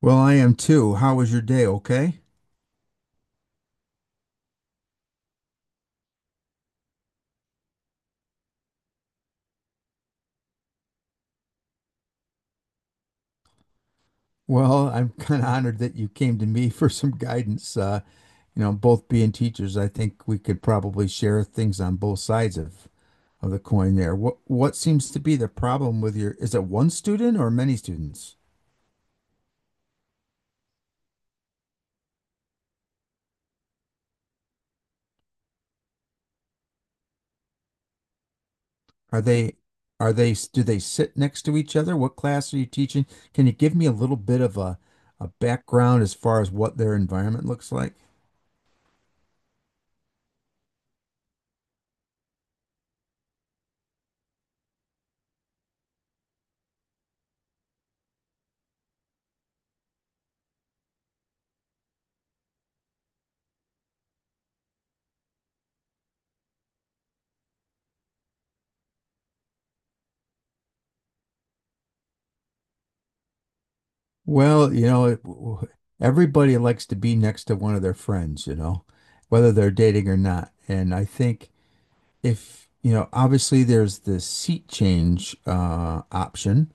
Well, I am too. How was your day? Okay. Well, I'm kind of honored that you came to me for some guidance. Both being teachers, I think we could probably share things on both sides of the coin there. What seems to be the problem with your, is it one student or many students? Are they are they, do they sit next to each other? What class are you teaching? Can you give me a little bit of a background as far as what their environment looks like? Well, everybody likes to be next to one of their friends, whether they're dating or not. And I think if, you know, obviously there's the seat change option,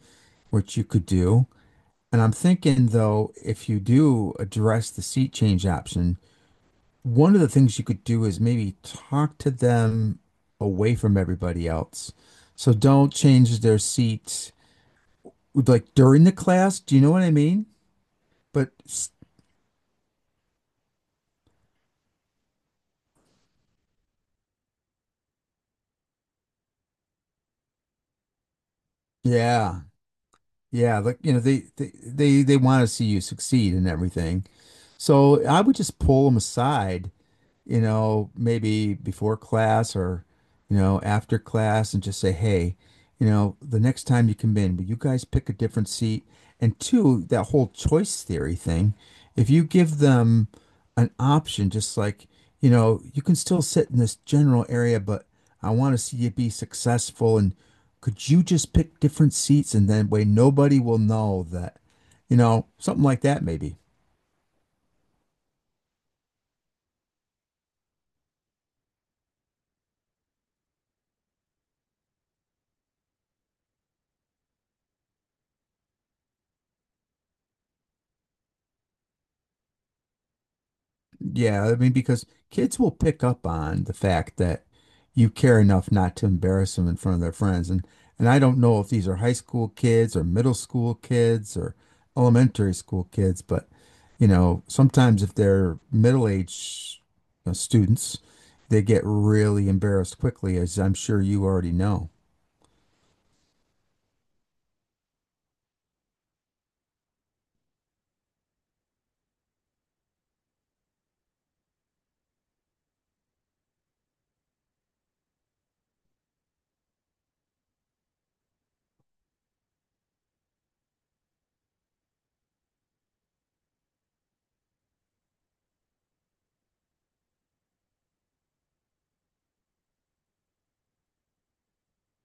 which you could do. And I'm thinking, though, if you do address the seat change option, one of the things you could do is maybe talk to them away from everybody else. So don't change their seats like during the class. Do you know what I mean? But s- yeah. Yeah, like they want to see you succeed and everything. So I would just pull them aside, you know, maybe before class or, you know, after class and just say, hey, you know, the next time you come in, will you guys pick a different seat? And two, that whole choice theory thing, if you give them an option, just like, you know, you can still sit in this general area, but I want to see you be successful. And could you just pick different seats? And then way nobody will know that, you know, something like that, maybe. Yeah, I mean, because kids will pick up on the fact that you care enough not to embarrass them in front of their friends. And I don't know if these are high school kids or middle school kids or elementary school kids, but you know, sometimes if they're middle-aged, you know, students, they get really embarrassed quickly, as I'm sure you already know.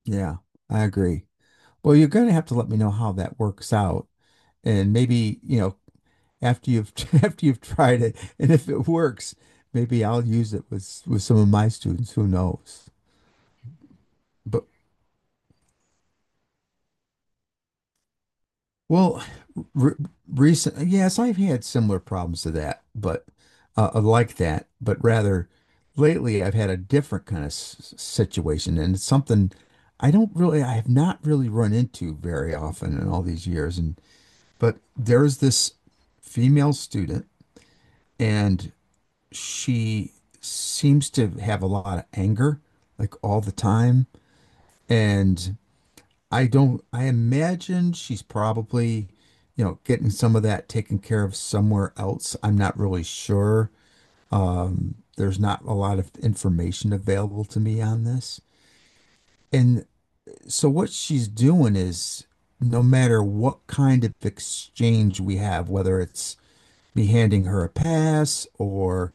Yeah, I agree. Well, you're going to have to let me know how that works out. And maybe, you know, after you've after you've tried it, and if it works, maybe I'll use it with some of my students. Who knows? But well, re- Recent yes, I've had similar problems to that, but like that, but rather lately I've had a different kind of situation, and it's something I don't really, I have not really run into very often in all these years. And but there's this female student, and she seems to have a lot of anger, like all the time. And I don't, I imagine she's probably, you know, getting some of that taken care of somewhere else. I'm not really sure. There's not a lot of information available to me on this. And so what she's doing is no matter what kind of exchange we have, whether it's me handing her a pass or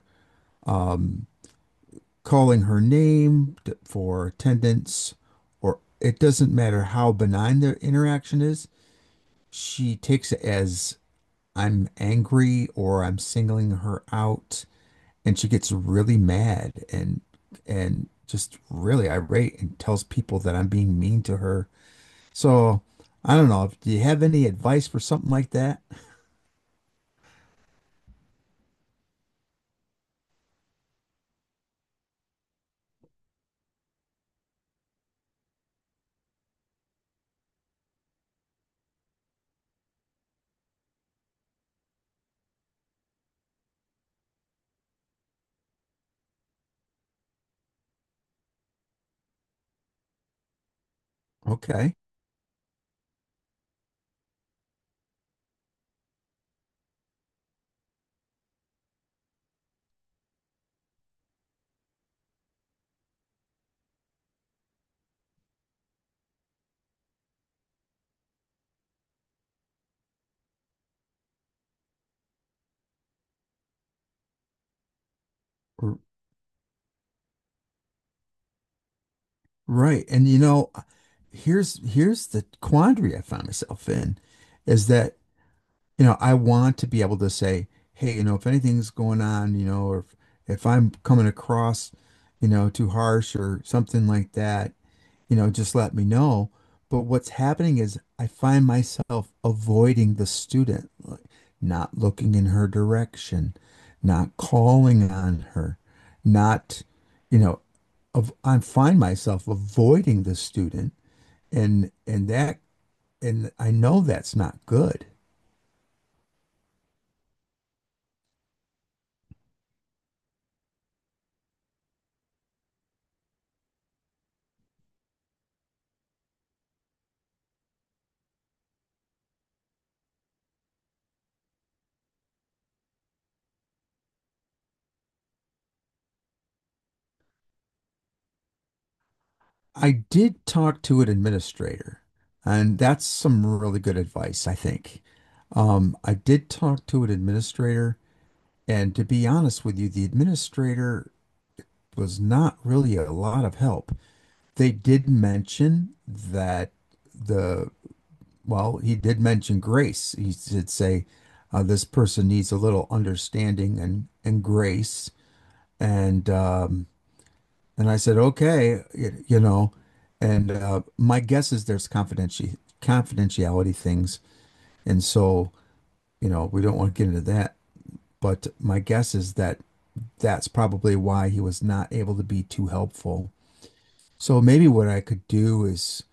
calling her name for attendance, or it doesn't matter how benign the interaction is, she takes it as I'm angry or I'm singling her out, and she gets really mad and just really irate and tells people that I'm being mean to her. So I don't know. Do you have any advice for something like that? Okay. R- Right. And you know, here's the quandary I found myself in is that you know, I want to be able to say, hey, you know, if anything's going on, you know, or if I'm coming across, you know, too harsh or something like that, you know, just let me know. But what's happening is I find myself avoiding the student, like not looking in her direction, not calling on her, not, you know, of, I find myself avoiding the student and that and I know that's not good. I did talk to an administrator, and that's some really good advice, I think. I did talk to an administrator, and to be honest with you, the administrator was not really a lot of help. They did mention that the, well, he did mention grace. He did say this person needs a little understanding and grace. And um, And I said, okay, you know, and my guess is there's confidentiality things, and so you know we don't want to get into that. But my guess is that that's probably why he was not able to be too helpful. So maybe what I could do is,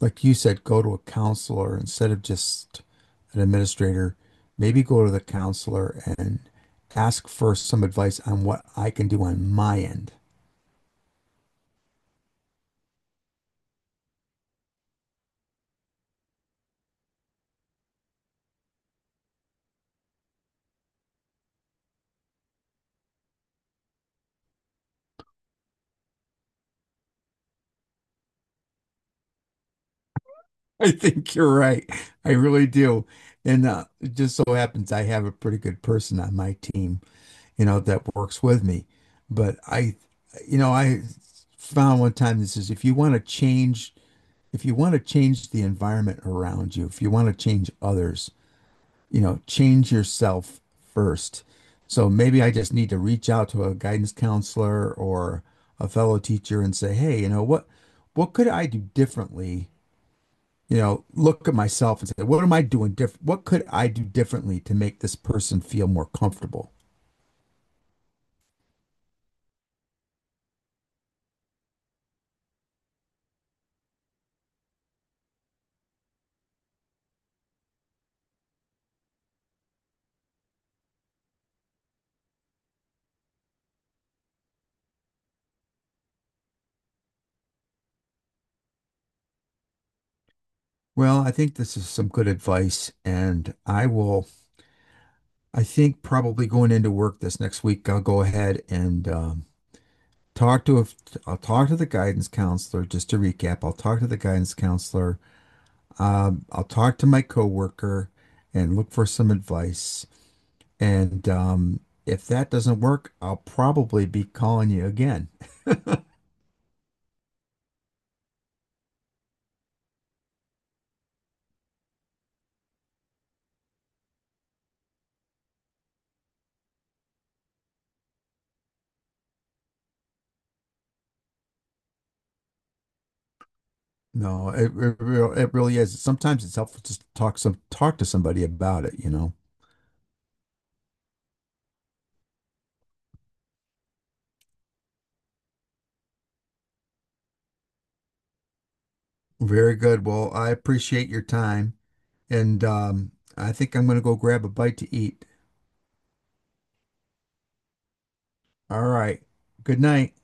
like you said, go to a counselor instead of just an administrator. Maybe go to the counselor and ask for some advice on what I can do on my end. I think you're right. I really do. And it just so happens I have a pretty good person on my team, you know, that works with me. But I, you know, I found one time this is if you want to change, if you want to change the environment around you, if you want to change others, you know, change yourself first. So maybe I just need to reach out to a guidance counselor or a fellow teacher and say, hey, you know, what could I do differently? You know, look at myself and say, what am I doing different? What could I do differently to make this person feel more comfortable? Well, I think this is some good advice. And I will, I think probably going into work this next week, I'll go ahead and talk to, a, I'll talk to the guidance counselor, just to recap, I'll talk to the guidance counselor. I'll talk to my coworker and look for some advice. And if that doesn't work, I'll probably be calling you again. No, it real it really is. Sometimes it's helpful to talk some talk to somebody about it, you know. Very good. Well, I appreciate your time, and I think I'm going to go grab a bite to eat. All right. Good night.